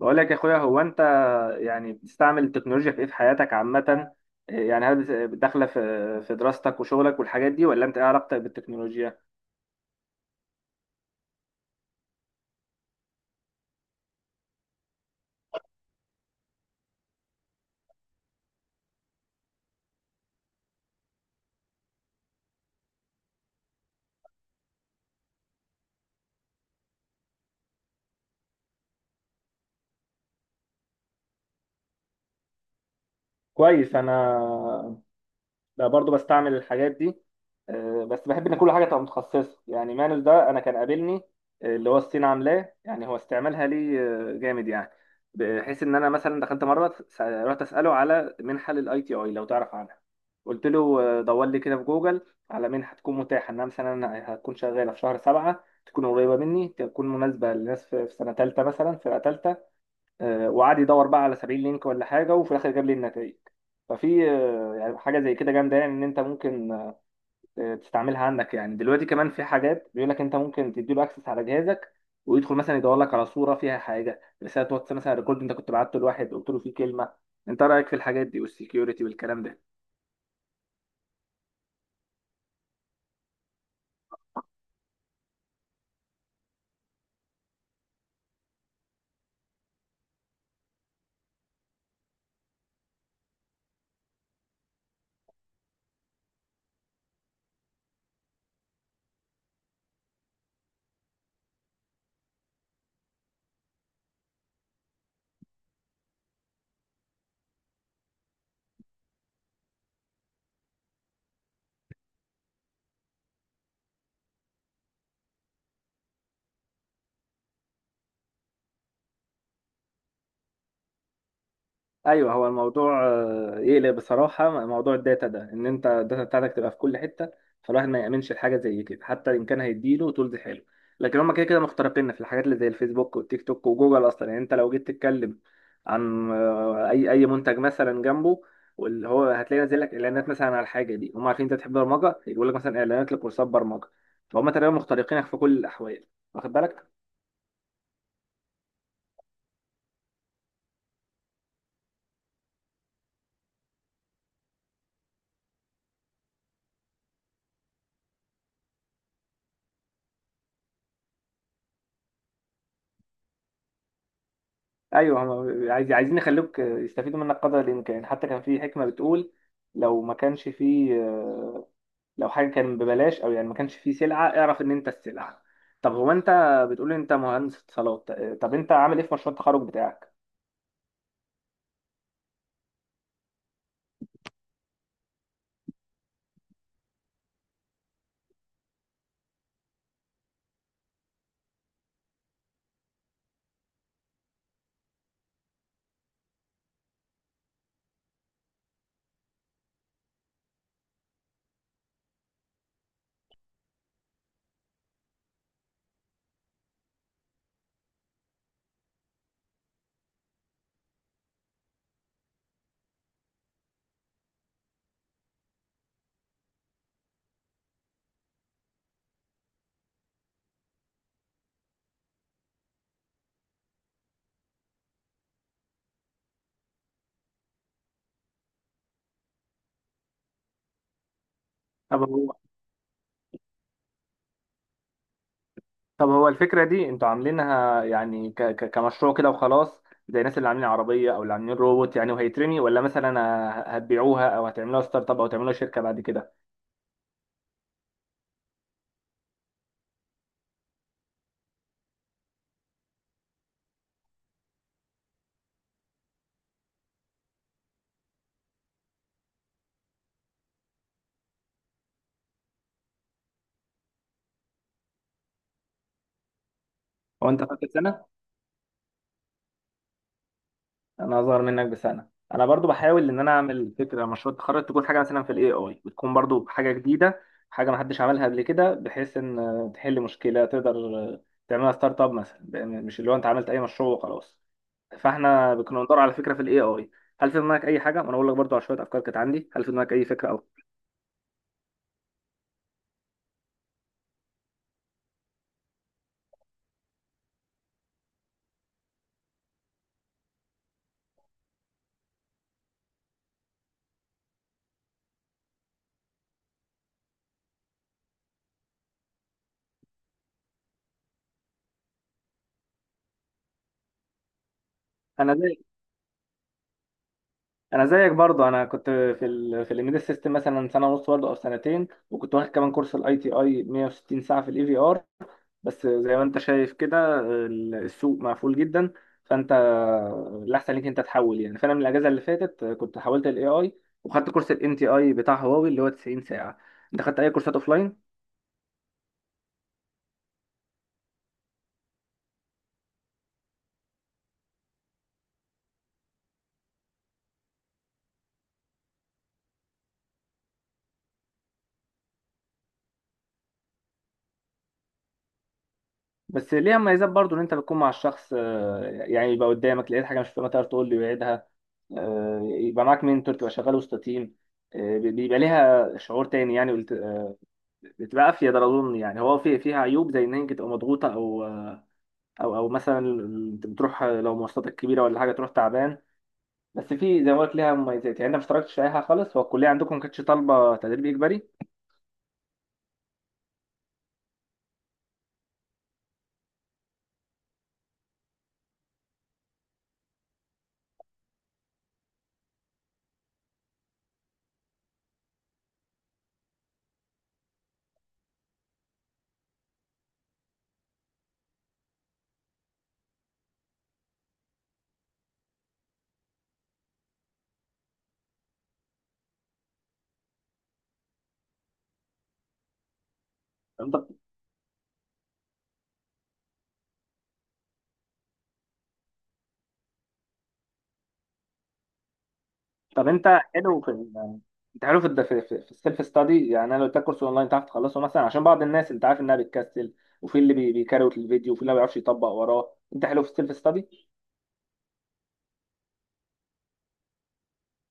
بقول لك يا اخويا، هو انت يعني بتستعمل التكنولوجيا في ايه في حياتك عامة؟ يعني هل داخلة في دراستك وشغلك والحاجات دي، ولا انت ايه علاقتك بالتكنولوجيا؟ كويس. انا بقى برضو بستعمل الحاجات دي. بس بحب ان كل حاجه تبقى متخصصه. يعني مانوس ده انا كان قابلني. اللي هو الصين عاملاه، يعني هو استعمالها لي جامد يعني، بحيث ان انا مثلا دخلت مره رحت اساله على منحه للاي تي اي لو تعرف عنها. قلت له دور لي كده في جوجل على منحه تكون متاحه، انها مثلا أنا هتكون شغاله في شهر سبعه، تكون قريبه مني، تكون مناسبه للناس في سنه ثالثه مثلا، فرقه ثالثه. وقعد يدور بقى على 70 لينك ولا حاجه، وفي الاخر جاب لي النتائج. ففي يعني حاجه زي كده جامده، يعني ان انت ممكن تستعملها عندك. يعني دلوقتي كمان في حاجات بيقول لك انت ممكن تديله اكسس على جهازك، ويدخل مثلا يدور لك على صوره فيها حاجه، رساله واتس مثلا، ريكورد انت كنت بعته لواحد قلت له فيه كلمه. انت رايك في الحاجات دي والسكيورتي والكلام ده؟ ايوه. هو الموضوع يقلق بصراحه. موضوع الداتا ده، ان انت الداتا بتاعتك تبقى في كل حته، فالواحد ما يامنش الحاجه زي كده حتى ان كان هيديله طول دي حلو. لكن هم كده كده مخترقين في الحاجات اللي زي الفيسبوك والتيك توك وجوجل اصلا. يعني انت لو جيت تتكلم عن اي اي منتج مثلا جنبه، واللي هو هتلاقي نازل لك اعلانات مثلا على الحاجه دي. هم عارفين انت تحب برمجه، يقول لك مثلا اعلانات لكورسات برمجه. فهم تقريبا مخترقينك في كل الاحوال، واخد بالك؟ ايوه. هم عايزين يخلوك يستفيدوا منك قدر الامكان. حتى كان في حكمه بتقول، لو ما كانش فيه، لو حاجه كان ببلاش، او يعني ما كانش فيه سلعه، اعرف ان انت السلعه. طب هو انت بتقول لي انت مهندس اتصالات. طب انت عامل ايه في مشروع التخرج بتاعك؟ طب هو طب هو الفكره دي انتوا عاملينها يعني كمشروع كده وخلاص، زي الناس اللي عاملين عربيه او اللي عاملين روبوت يعني وهيترمي؟ ولا مثلا هتبيعوها او هتعملوها ستارت اب، او تعملوها شركه بعد كده؟ هو انت فاكر، سنه؟ انا اصغر منك بسنه. انا برضو بحاول ان انا اعمل فكره مشروع التخرج، تكون حاجه مثلا في الاي اي، بتكون برضو حاجه جديده، حاجه ما حدش عملها قبل كده، بحيث ان تحل مشكله، تقدر تعملها ستارت اب مثلا. لأن مش اللي هو انت عملت اي مشروع وخلاص. فاحنا كنا بندور على فكره في الاي اي. هل في دماغك اي حاجه؟ وانا اقول لك برضو على شويه افكار كانت عندي. هل في دماغك اي فكره او؟ انا زيك انا زيك برضو. انا كنت في ال في الامبيدد سيستم مثلا سنه ونص برضو او سنتين، وكنت واخد كمان كورس الاي تي اي 160 ساعه في الاي في ار. بس زي ما انت شايف كده السوق مقفول جدا. فانت الاحسن ليك انت تحول يعني. فانا من الاجازه اللي فاتت كنت حولت الاي اي، وخدت كورس الام تي اي بتاع هواوي اللي هو 90 ساعه. انت خدت اي كورسات اوفلاين؟ بس ليها مميزات برضو، ان انت بتكون مع الشخص يعني يبقى قدامك. لقيت حاجه مش فاهمها تقدر تقول لي ويعيدها. يبقى معاك منتور، تبقى شغال وسط تيم. بيبقى ليها شعور تاني يعني. بتبقى افيد اظن يعني. هو في فيها عيوب زي ان هي تبقى مضغوطه، او او مثلا انت بتروح، لو مواصلاتك كبيره ولا حاجه تروح تعبان. بس في، زي ما قلت، ليها مميزات يعني. انت ما اشتركتش في اي حاجه خالص؟ هو الكليه عندكم ما كانتش طالبه تدريب اجباري؟ طب طب حلو في ال- انت حلو في في السيلف ستادي يعني؟ انا لو اديتك كورس اونلاين تعرف تخلصه مثلا؟ عشان بعض الناس انت عارف انها بتكسل، وفي اللي بيكروت الفيديو، وفي اللي ما بيعرفش يطبق وراه. انت حلو في السيلف ستادي؟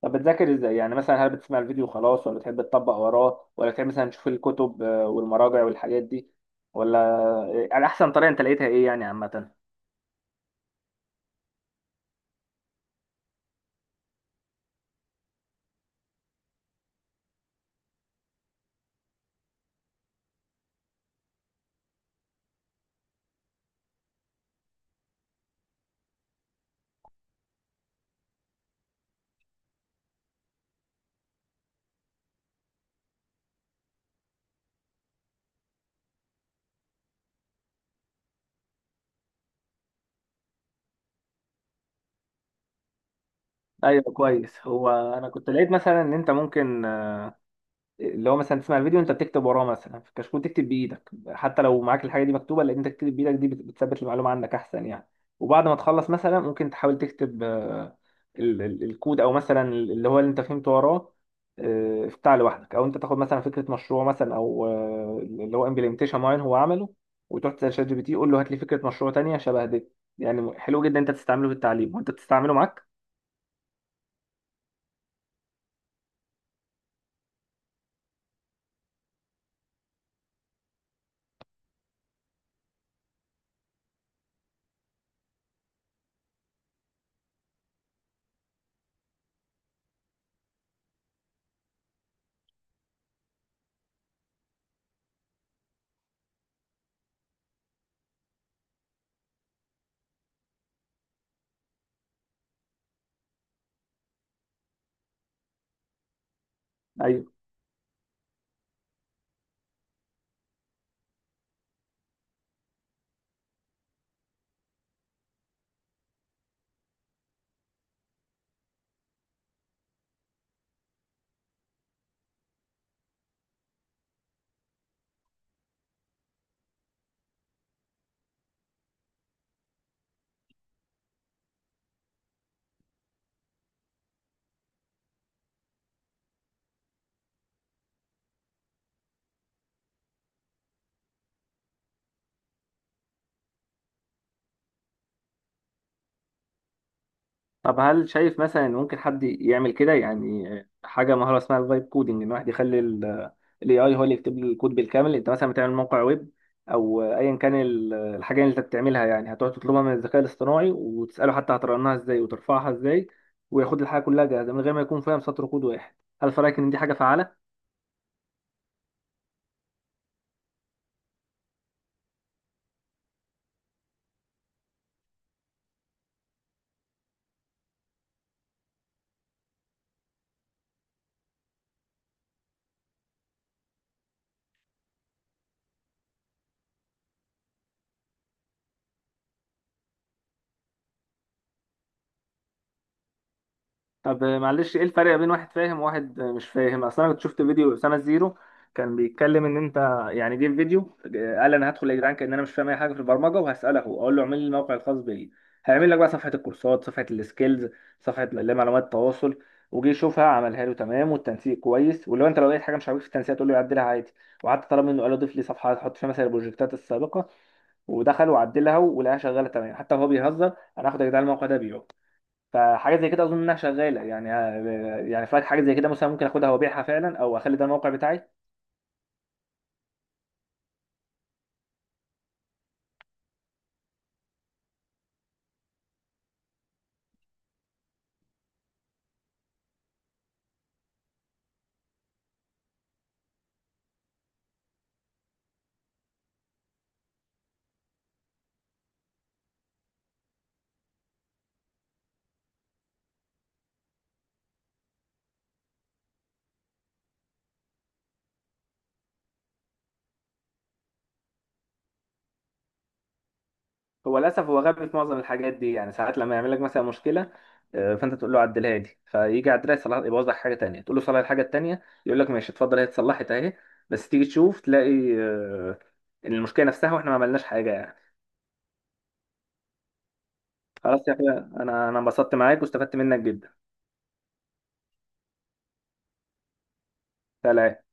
طب بتذاكر ازاي يعني؟ مثلا هل بتسمع الفيديو خلاص، ولا بتحب تطبق وراه، ولا بتحب مثلا تشوف الكتب والمراجع والحاجات دي، ولا؟ على احسن طريقه انت لقيتها ايه يعني عامه؟ ايوه كويس. هو انا كنت لقيت مثلا ان انت ممكن، اللي هو مثلا تسمع الفيديو، انت بتكتب وراه مثلا في الكشكول، تكتب بايدك حتى لو معاك الحاجه دي مكتوبه، لان انت تكتب بايدك دي بتثبت المعلومه عندك احسن يعني. وبعد ما تخلص مثلا ممكن تحاول تكتب الكود، او مثلا اللي هو اللي انت فهمته وراه. افتح لوحدك، او انت تاخد مثلا فكره مشروع مثلا، او اللي هو امبلمنتيشن معين هو عمله، وتروح تسال شات جي بي تي قول له هات لي فكره مشروع تانية شبه دي. يعني حلو جدا انت تستعمله في التعليم. وانت بتستعمله معاك؟ طب هل شايف مثلا ان ممكن حد يعمل كده؟ يعني حاجه، مهاره اسمها الفايب كودنج، ان واحد يخلي الاي اي هو اللي يكتب له الكود بالكامل. انت مثلا بتعمل موقع ويب، او ايا كان الحاجه اللي انت بتعملها يعني، هتقعد تطلبها من الذكاء الاصطناعي وتساله حتى هترنها ازاي وترفعها ازاي، وياخد الحاجه كلها جاهزه من غير ما يكون فاهم سطر كود واحد. هل في رايك ان دي حاجه فعاله؟ طب معلش، ايه الفرق بين واحد فاهم وواحد مش فاهم؟ اصل انا كنت شفت فيديو اسامه زيرو، كان بيتكلم ان انت، يعني جه في فيديو قال انا هدخل يا جدعان، كان انا مش فاهم اي حاجه في البرمجه، وهساله هو، اقول له اعمل لي الموقع الخاص بي. هيعمل لك بقى صفحه الكورسات، صفحه السكيلز، صفحه اللي هي معلومات التواصل. وجي يشوفها عملها له تمام والتنسيق كويس، ولو لو لقيت حاجه مش عاجبك في التنسيق تقول له يعدلها عادي. وحتى طلب منه، قال له ضيف لي صفحه هحط فيها مثلا البروجكتات السابقه، ودخل وعدلها ولقاها شغاله تمام. حتى وهو بيهزر، انا هاخد يا جدعان الموقع ده بيعه. فحاجه زي كده اظن انها شغاله يعني. يعني فاك حاجه زي كده مثلا ممكن اخدها وابيعها فعلا، او اخلي ده الموقع بتاعي. هو للاسف هو غبي في معظم الحاجات دي يعني. ساعات لما يعمل لك مثلا مشكله، فانت تقول له عدلها لي، فيجي يعدلها يصلح يبوظ لك حاجه تانية، تقول له صلح الحاجه التانية، يقول لك ماشي اتفضل هي اتصلحت اهي. بس تيجي تشوف تلاقي المشكله نفسها، واحنا ما عملناش حاجه يعني. خلاص يا اخويا، انا انبسطت معاك واستفدت منك جدا. سلام.